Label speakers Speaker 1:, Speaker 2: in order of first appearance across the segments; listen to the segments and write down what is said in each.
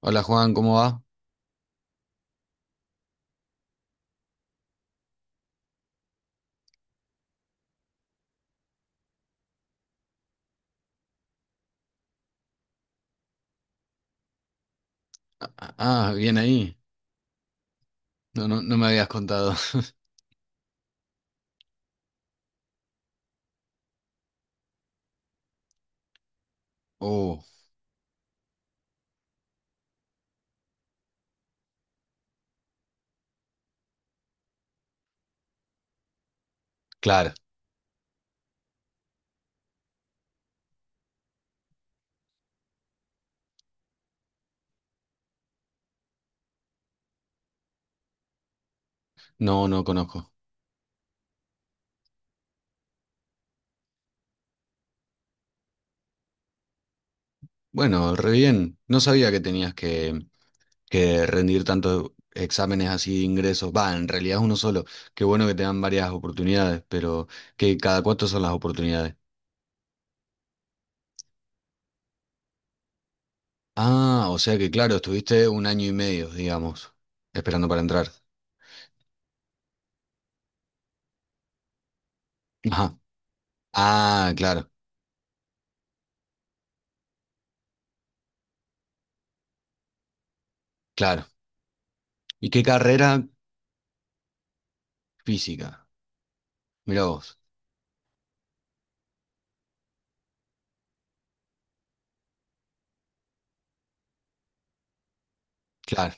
Speaker 1: Hola Juan, ¿cómo va? Ah, ah, ah, bien ahí. No, no, no me habías contado. Oh, claro. No, no conozco. Bueno, re bien. No sabía que tenías que rendir tantos exámenes así de ingresos. Va, en realidad es uno solo. Qué bueno que te dan varias oportunidades, pero que cada cuánto son las oportunidades. Ah, o sea que claro, estuviste un año y medio, digamos, esperando para entrar. Ajá. Ah, claro, claro. ¿Y qué carrera? Física. Mirá vos. Claro.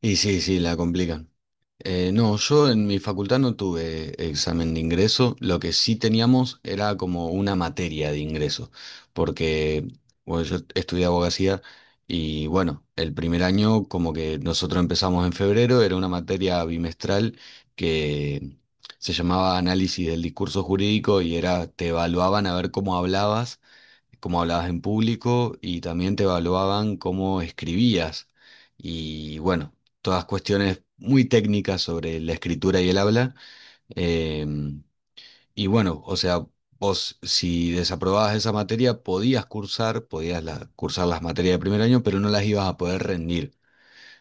Speaker 1: Y sí, sí, la complican. No, yo en mi facultad no tuve examen de ingreso, lo que sí teníamos era como una materia de ingreso, porque bueno, yo estudié abogacía y bueno, el primer año como que nosotros empezamos en febrero, era una materia bimestral que se llamaba análisis del discurso jurídico y era, te evaluaban a ver cómo hablabas en público y también te evaluaban cómo escribías. Y bueno, todas cuestiones muy técnicas sobre la escritura y el habla. Eh, y bueno, o sea, vos si desaprobabas esa materia podías cursar las materias de primer año, pero no las ibas a poder rendir.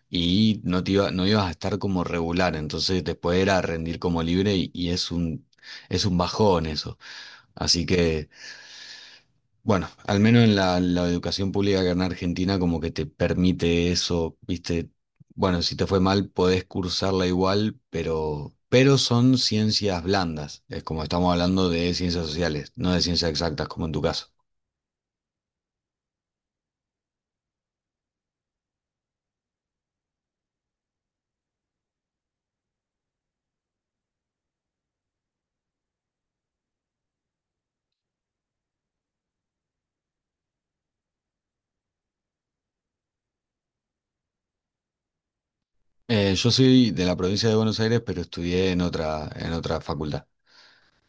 Speaker 1: Y no ibas a estar como regular, entonces después era rendir como libre y, es un bajón eso. Así que bueno, al menos en la educación pública que en Argentina como que te permite eso, viste, bueno, si te fue mal podés cursarla igual, pero son ciencias blandas, es como estamos hablando de ciencias sociales, no de ciencias exactas como en tu caso. Yo soy de la provincia de Buenos Aires, pero estudié en en otra facultad,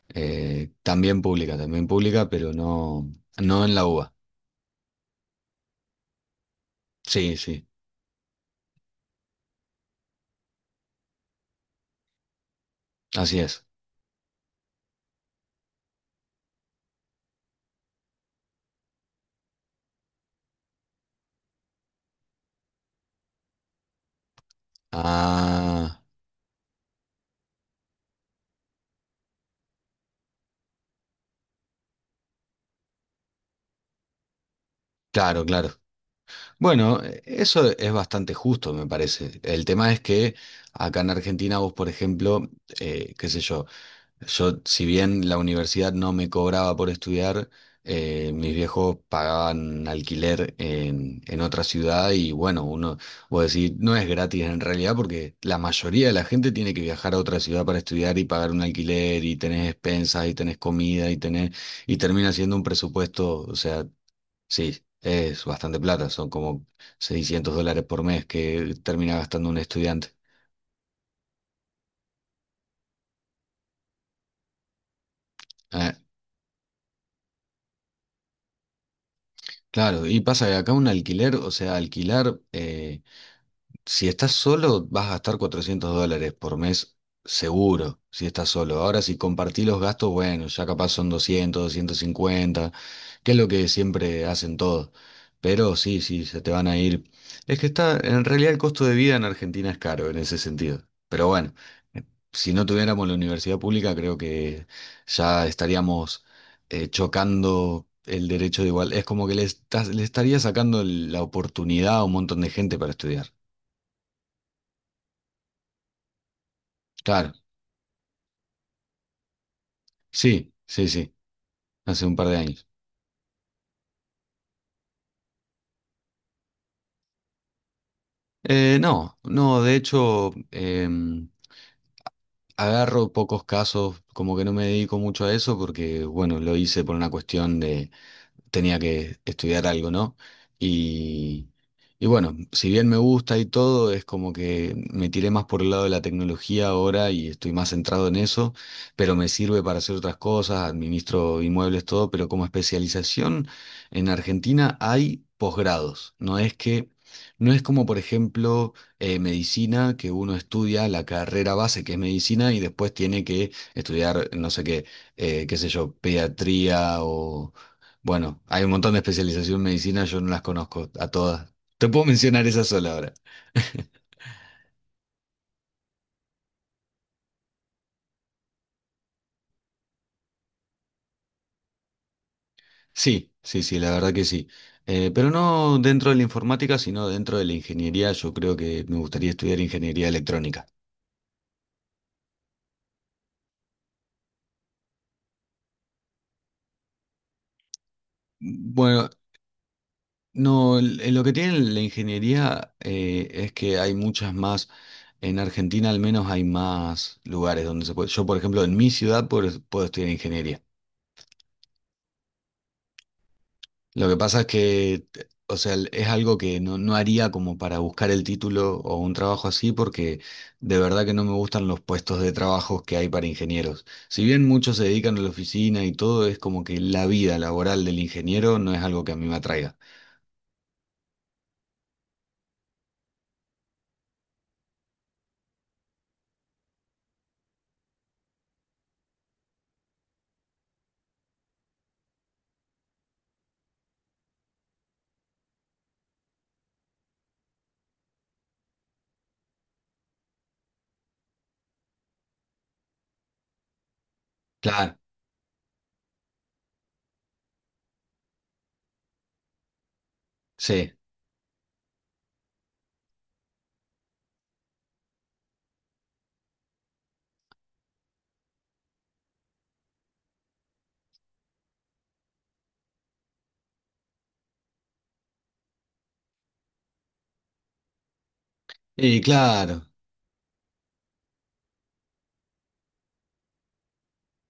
Speaker 1: también pública, pero no en la UBA. Sí, sí, así es. Ah, claro, claro. Bueno, eso es bastante justo, me parece. El tema es que acá en Argentina vos, por ejemplo, qué sé yo, yo si bien la universidad no me cobraba por estudiar, mis viejos pagaban alquiler en otra ciudad y bueno, uno, vos decís, no es gratis en realidad porque la mayoría de la gente tiene que viajar a otra ciudad para estudiar y pagar un alquiler y tenés expensas y tenés comida y y termina siendo un presupuesto, o sea... Sí, es bastante plata, son como $600 por mes que termina gastando un estudiante. Ah, claro, y pasa que acá un alquiler, o sea, alquilar, si estás solo vas a gastar $400 por mes seguro, si estás solo. Ahora si compartís los gastos, bueno, ya capaz son 200, 250, que es lo que siempre hacen todos. Pero sí, sí, se te van a ir. Es que está, en realidad el costo de vida en Argentina es caro en ese sentido. Pero bueno, si no tuviéramos la universidad pública, creo que ya estaríamos chocando el derecho de igual. Es como que le, le estaría sacando la oportunidad a un montón de gente para estudiar. Claro, sí, sí, sí, hace un par de años. No, no, de hecho, em, agarro pocos casos, como que no me dedico mucho a eso porque, bueno, lo hice por una cuestión tenía que estudiar algo, ¿no? Y, y bueno, si bien me gusta y todo, es como que me tiré más por el lado de la tecnología ahora y estoy más centrado en eso, pero me sirve para hacer otras cosas, administro inmuebles, todo, pero como especialización en Argentina hay posgrados, no es que... No es como, por ejemplo, medicina, que uno estudia la carrera base, que es medicina, y después tiene que estudiar, no sé qué, qué sé yo, pediatría o bueno, hay un montón de especialización en medicina, yo no las conozco a todas. Te puedo mencionar esa sola ahora. Sí, sí, sí, la verdad que sí. Pero no dentro de la informática, sino dentro de la ingeniería. Yo creo que me gustaría estudiar ingeniería electrónica. Bueno, no, lo que tiene la ingeniería es que hay muchas más, en Argentina al menos hay más lugares donde se puede. Yo, por ejemplo, en mi ciudad puedo estudiar ingeniería. Lo que pasa es que, o sea, es algo que no haría como para buscar el título o un trabajo así, porque de verdad que no me gustan los puestos de trabajo que hay para ingenieros. Si bien muchos se dedican a la oficina y todo, es como que la vida laboral del ingeniero no es algo que a mí me atraiga. Claro, sí. Y claro,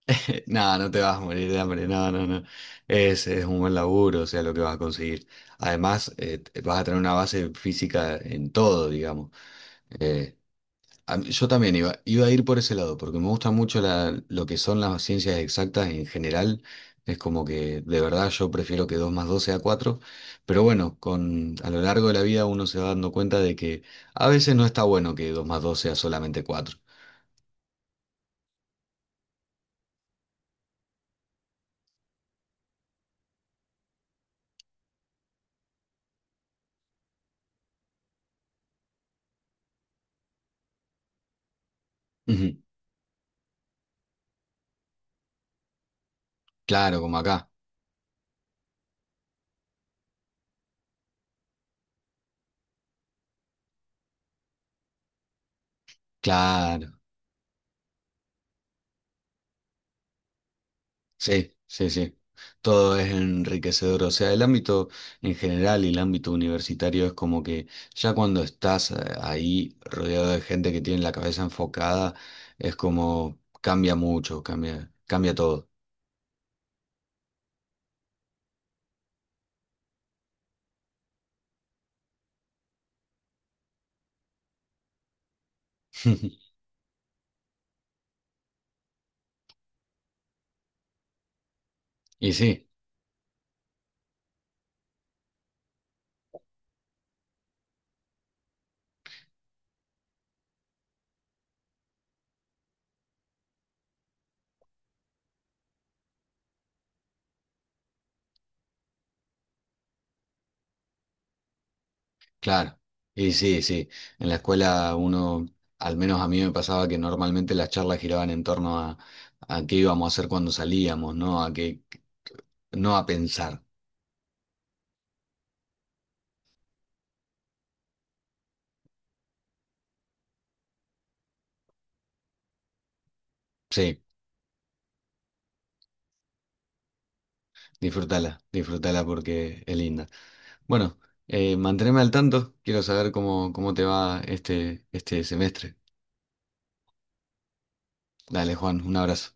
Speaker 1: nada, no te vas a morir de hambre, no, no, no. Es un buen laburo, o sea, lo que vas a conseguir. Además, vas a tener una base física en todo, digamos. Eh, Yo también iba a ir por ese lado, porque me gusta mucho lo que son las ciencias exactas en general. Es como que de verdad yo prefiero que 2 más 2 sea cuatro, pero bueno, con, a lo largo de la vida uno se va dando cuenta de que a veces no está bueno que dos más 2 sea solamente cuatro. Ujú. Claro, como acá. Claro. Sí, sí, sí. Todo es enriquecedor. O sea, el ámbito en general y el ámbito universitario es como que ya cuando estás ahí rodeado de gente que tiene la cabeza enfocada, es como cambia mucho, cambia, cambia todo. Y sí, claro. Y sí, sí. En la escuela uno, al menos a mí me pasaba que normalmente las charlas giraban en torno a qué íbamos a hacer cuando salíamos, ¿no? A qué, no a pensar. Sí, disfrútala, disfrútala porque es linda. Bueno, manteneme al tanto. Quiero saber cómo, cómo te va este semestre. Dale, Juan, un abrazo.